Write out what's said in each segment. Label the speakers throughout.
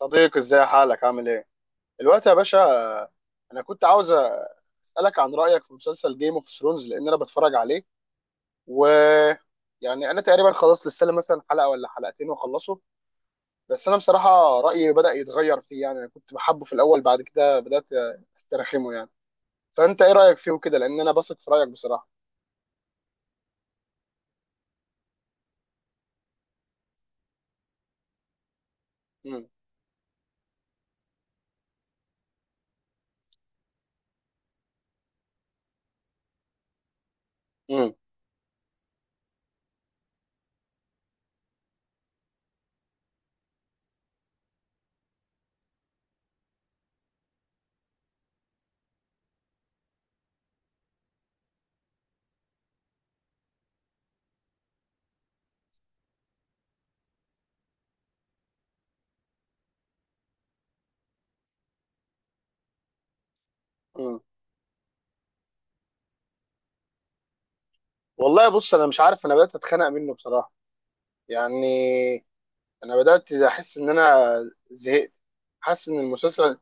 Speaker 1: صديقي، ازاي حالك؟ عامل ايه الوقت يا باشا؟ انا كنت عاوز اسالك عن رايك في مسلسل جيم اوف ثرونز، لان انا بتفرج عليه و يعني انا تقريبا خلاص لسه لي مثلا حلقه ولا حلقتين واخلصه. بس انا بصراحه رايي بدا يتغير فيه. يعني انا كنت بحبه في الاول، بعد كده بدات استرخمه يعني. فانت ايه رايك فيه وكده؟ لان انا بثق في رايك بصراحه. امم امم امم والله بص، انا مش عارف. انا بدات اتخنق منه بصراحه يعني. انا بدات احس ان انا زهقت. حاسس ان المسلسل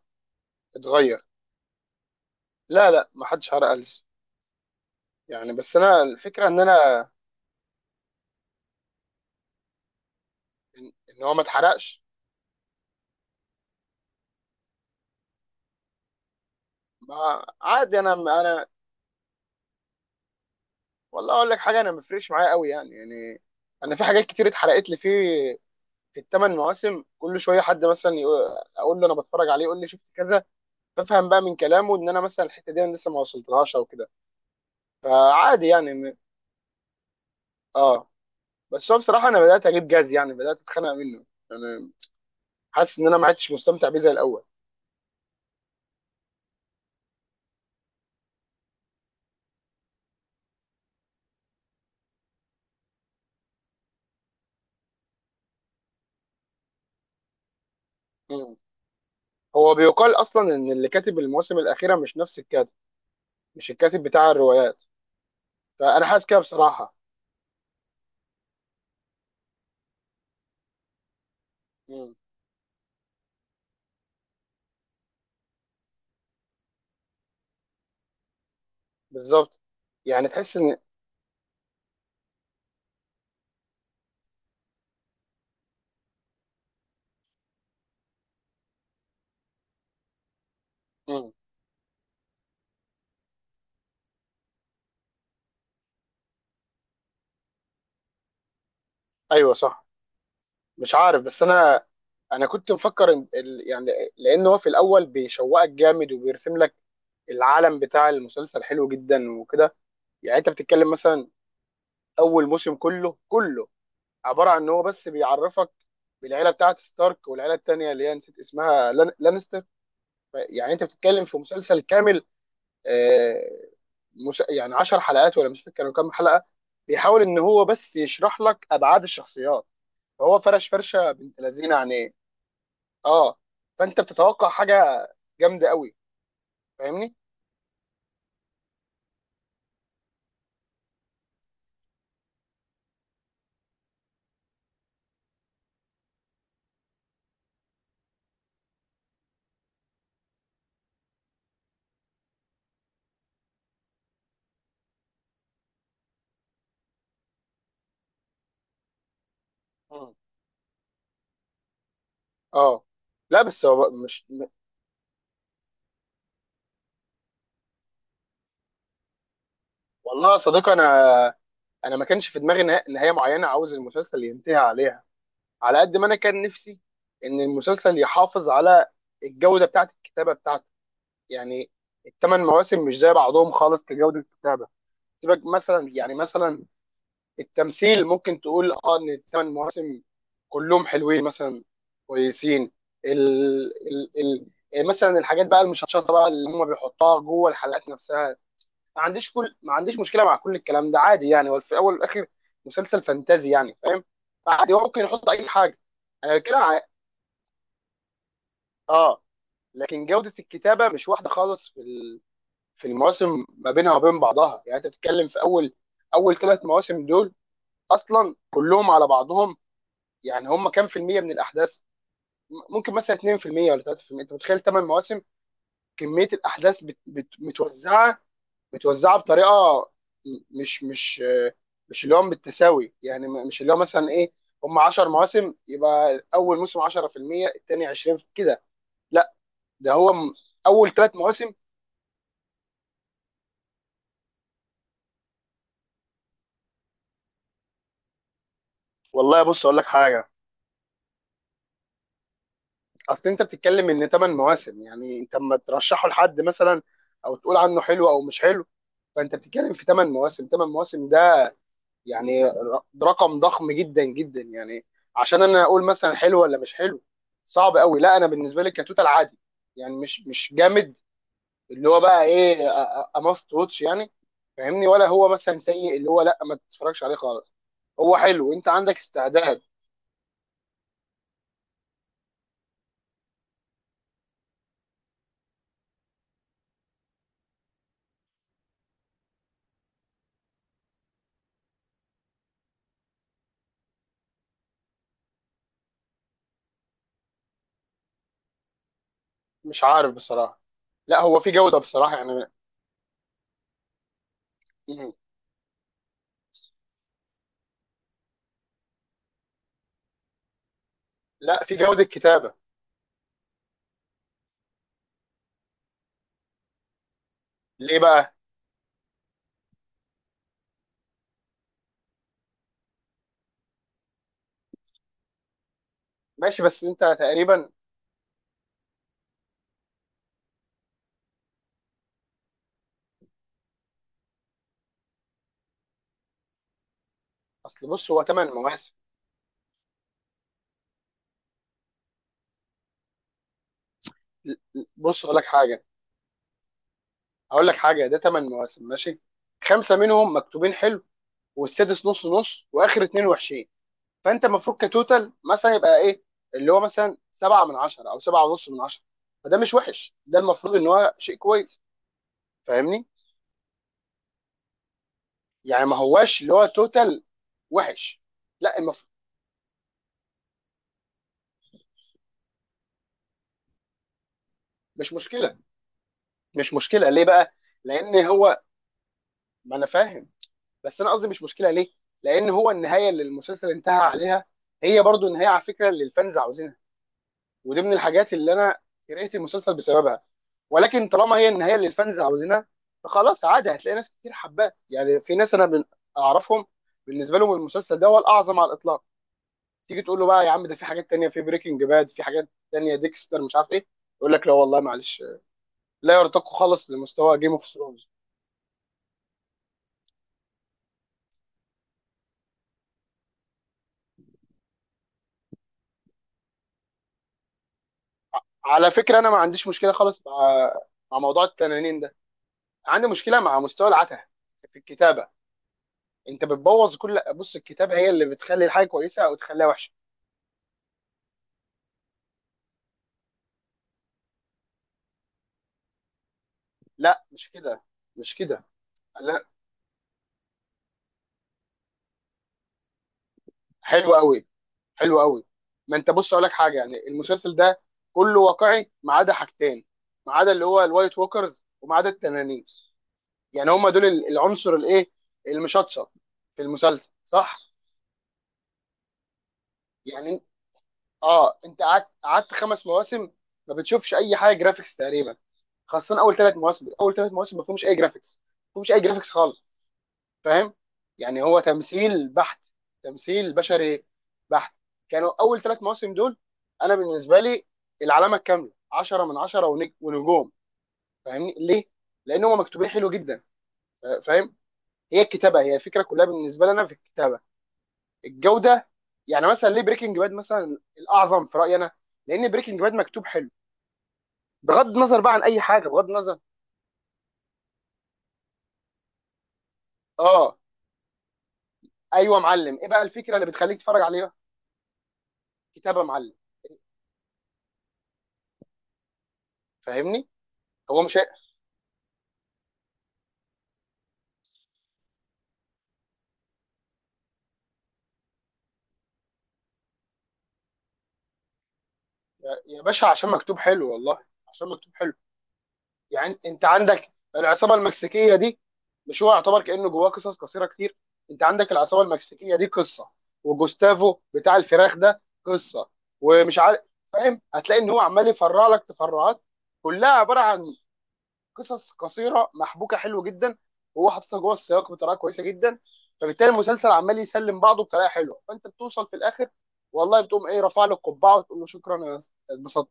Speaker 1: اتغير. لا لا، ما حدش حرق ألسن. يعني بس انا الفكره ان انا ان إن هو ما اتحرقش. عادي انا والله اقول لك حاجه، انا ما بيفرقش معايا قوي يعني. يعني انا في حاجات كتير اتحرقت لي في الثمان مواسم، كل شويه حد مثلا يقول، اقول له انا بتفرج عليه، يقول لي شفت كذا، بفهم بقى من كلامه ان انا مثلا الحته دي انا لسه ما وصلتلهاش او كده. فعادي يعني. اه بس هو بصراحه انا بدات اجيب جاز يعني، بدات اتخانق منه يعني. حاسس ان انا ما عدتش مستمتع بيه زي الاول. هو بيقال اصلا ان اللي كاتب المواسم الاخيره مش نفس الكاتب، مش الكاتب بتاع الروايات. فانا حاسس كده بصراحه. مم. بالظبط. يعني تحس ان. مم. ايوه صح. مش عارف. بس انا انا كنت مفكر إن يعني لان هو في الاول بيشوقك جامد، وبيرسم لك العالم بتاع المسلسل حلو جدا وكده. يعني انت بتتكلم مثلا اول موسم كله عباره عن ان هو بس بيعرفك بالعيله بتاعه ستارك والعيله التانيه اللي هي نسيت اسمها لانستر. يعني انت بتتكلم في مسلسل كامل، مش يعني 10 حلقات، ولا مش فاكر كانوا كام حلقه. بيحاول ان هو بس يشرح لك ابعاد الشخصيات. فهو فرش فرشه بنت لذينه عن ايه. اه. فانت بتتوقع حاجه جامده قوي، فاهمني؟ مم. اه. لا بس هو مش والله يا صديقي انا انا ما كانش في دماغي نهايه معينه عاوز المسلسل ينتهي عليها. على قد ما انا كان نفسي ان المسلسل يحافظ على الجوده بتاعت الكتابه بتاعته يعني. الثمان مواسم مش زي بعضهم خالص كجوده الكتابه. سيبك مثلا يعني، مثلا التمثيل ممكن تقول اه ان الثمان مواسم كلهم حلوين مثلا، كويسين. ال ال يعني مثلا الحاجات بقى المشطشطه بقى اللي هم بيحطوها جوه الحلقات نفسها، ما عنديش مشكله مع كل الكلام ده، عادي يعني. هو في الاول والاخر مسلسل فانتازي يعني، فاهم؟ فعادي هو ممكن يحط اي حاجه. انا كده ع- اه. لكن جوده الكتابه مش واحده خالص في في المواسم ما بينها وبين بعضها. يعني انت بتتكلم في اول ثلاث مواسم دول اصلا كلهم على بعضهم، يعني هم كام في المية من الاحداث؟ ممكن مثلا 2% ولا 3%. انت متخيل 8 مواسم كمية الاحداث متوزعة، متوزعة بطريقة م- مش مش آه، مش اللي هو بالتساوي يعني. مش اللي هو مثلا ايه، هم 10 مواسم يبقى اول موسم 10%، الثاني 20 كده، لا. ده هو م- اول ثلاث مواسم. والله بص اقول لك حاجة، اصل انت بتتكلم ان ثمان مواسم. يعني انت اما ترشحه لحد مثلا او تقول عنه حلو او مش حلو، فانت بتتكلم في ثمان مواسم. ثمان مواسم ده يعني رقم ضخم جدا جدا يعني، عشان انا اقول مثلا حلو ولا مش حلو. صعب قوي. لا انا بالنسبه لي كتوتال عادي يعني، مش جامد اللي هو بقى ايه، اماست واتش يعني، فاهمني؟ ولا هو مثلا سيء اللي هو لا ما تتفرجش عليه خالص. هو حلو، انت عندك استعداد. مش عارف بصراحه. لا هو في جوده بصراحه يعني. لا، في جواز الكتابه. ليه بقى؟ ماشي بس انت تقريبا. اصل بص هو ثمان مواسم. بص اقول لك حاجه، هقول لك حاجه. ده ثمان مواسم ماشي، خمسه منهم مكتوبين حلو، والسادس نص نص، واخر اتنين وحشين. فانت المفروض كتوتال مثلا يبقى ايه، اللي هو مثلا سبعه من عشره او سبعه ونص من عشره. فده مش وحش، ده المفروض ان هو شيء كويس. فاهمني؟ يعني ما هواش اللي هو توتال وحش. لا المفروض. مش مشكله، مش مشكله ليه بقى؟ لان هو، ما انا فاهم، بس انا قصدي مش مشكله ليه؟ لان هو النهايه اللي المسلسل انتهى عليها هي برضو النهايه على فكره اللي الفانز عاوزينها. ودي من الحاجات اللي انا قريت المسلسل بسببها. ولكن طالما هي النهايه اللي الفانز عاوزينها، فخلاص عادي هتلاقي ناس كتير حباه. يعني في ناس انا اعرفهم بالنسبه لهم المسلسل ده هو الاعظم على الاطلاق. تيجي تقول له بقى يا عم ده في حاجات تانية، في بريكنج باد، في حاجات تانية، ديكستر، مش عارف ايه، يقول لك لا والله معلش، لا يرتقي خالص لمستوى جيم اوف ثرونز. على فكره، انا ما عنديش مشكله خالص مع مع موضوع التنانين ده. عندي مشكله مع مستوى العته في الكتابه. انت بتبوظ كل، بص الكتابه هي اللي بتخلي الحاجه كويسه او تخليها وحشه. لا مش كده، مش كده. لا حلو قوي، حلو قوي. ما انت بص اقول لك حاجه، يعني المسلسل ده كله واقعي ما عدا حاجتين، ما عدا اللي هو الوايت ووكرز وما عدا التنانين. يعني هم دول العنصر الايه، المشطشط في المسلسل صح؟ يعني اه. انت قعدت خمس مواسم ما بتشوفش اي حاجه جرافيكس تقريبا. خاصه اول ثلاث مواسم ما فيهمش اي جرافيكس، ما فيهمش اي جرافيكس خالص. فاهم؟ يعني هو تمثيل بحت، تمثيل بشري بحت. كانوا اول ثلاث مواسم دول انا بالنسبه لي العلامه الكامله 10 من 10 ونجوم. فاهمني ليه؟ لان هم مكتوبين حلو جدا. فاهم؟ هي الكتابه، هي الفكره كلها بالنسبه لنا في الكتابه، الجوده. يعني مثلا ليه بريكنج باد مثلا الاعظم في رايي انا؟ لان بريكنج باد مكتوب حلو، بغض النظر بقى عن اي حاجه، بغض النظر. اه. ايوه يا معلم، ايه بقى الفكره اللي بتخليك تتفرج عليه بقى؟ كتابه يا معلم، فاهمني؟ هو مش، يا باشا عشان مكتوب حلو والله، عشان مكتوب حلو. يعني انت عندك العصابه المكسيكيه دي، مش هو يعتبر كانه جواه قصص قصيره كتير؟ انت عندك العصابه المكسيكيه دي قصه، وجوستافو بتاع الفراخ ده قصه، ومش عارف. فاهم؟ هتلاقي ان هو عمال يفرع لك تفرعات كلها عباره عن قصص قصيره محبوكه حلو جدا، وهو حاططها جوه السياق بطريقه كويسه جدا. فبالتالي المسلسل عمال يسلم بعضه بطريقه حلوه، فانت بتوصل في الاخر والله بتقوم ايه، رافع له القبعه وتقول له شكرا انا اتبسطت.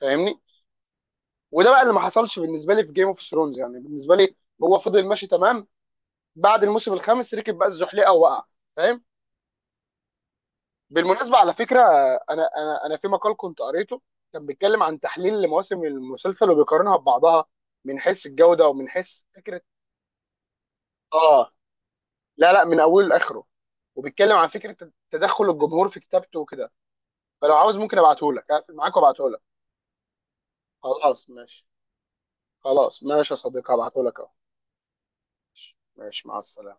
Speaker 1: فاهمني؟ وده بقى اللي ما حصلش بالنسبه لي في جيم اوف ثرونز. يعني بالنسبه لي هو فضل ماشي تمام، بعد الموسم الخامس ركب بقى الزحليقه ووقع. فاهم؟ بالمناسبه على فكره، انا في مقال كنت قريته كان بيتكلم عن تحليل لمواسم المسلسل وبيقارنها ببعضها من حيث الجوده ومن حيث فكره. اه. لا لا، من اوله لاخره. وبيتكلم عن فكره تدخل الجمهور في كتابته وكده. فلو عاوز ممكن ابعته لك، اقفل معاك وابعته لك. خلاص ماشي، خلاص ماشي يا صديقي، هبعته لك اهو. ماشي، مع السلامه.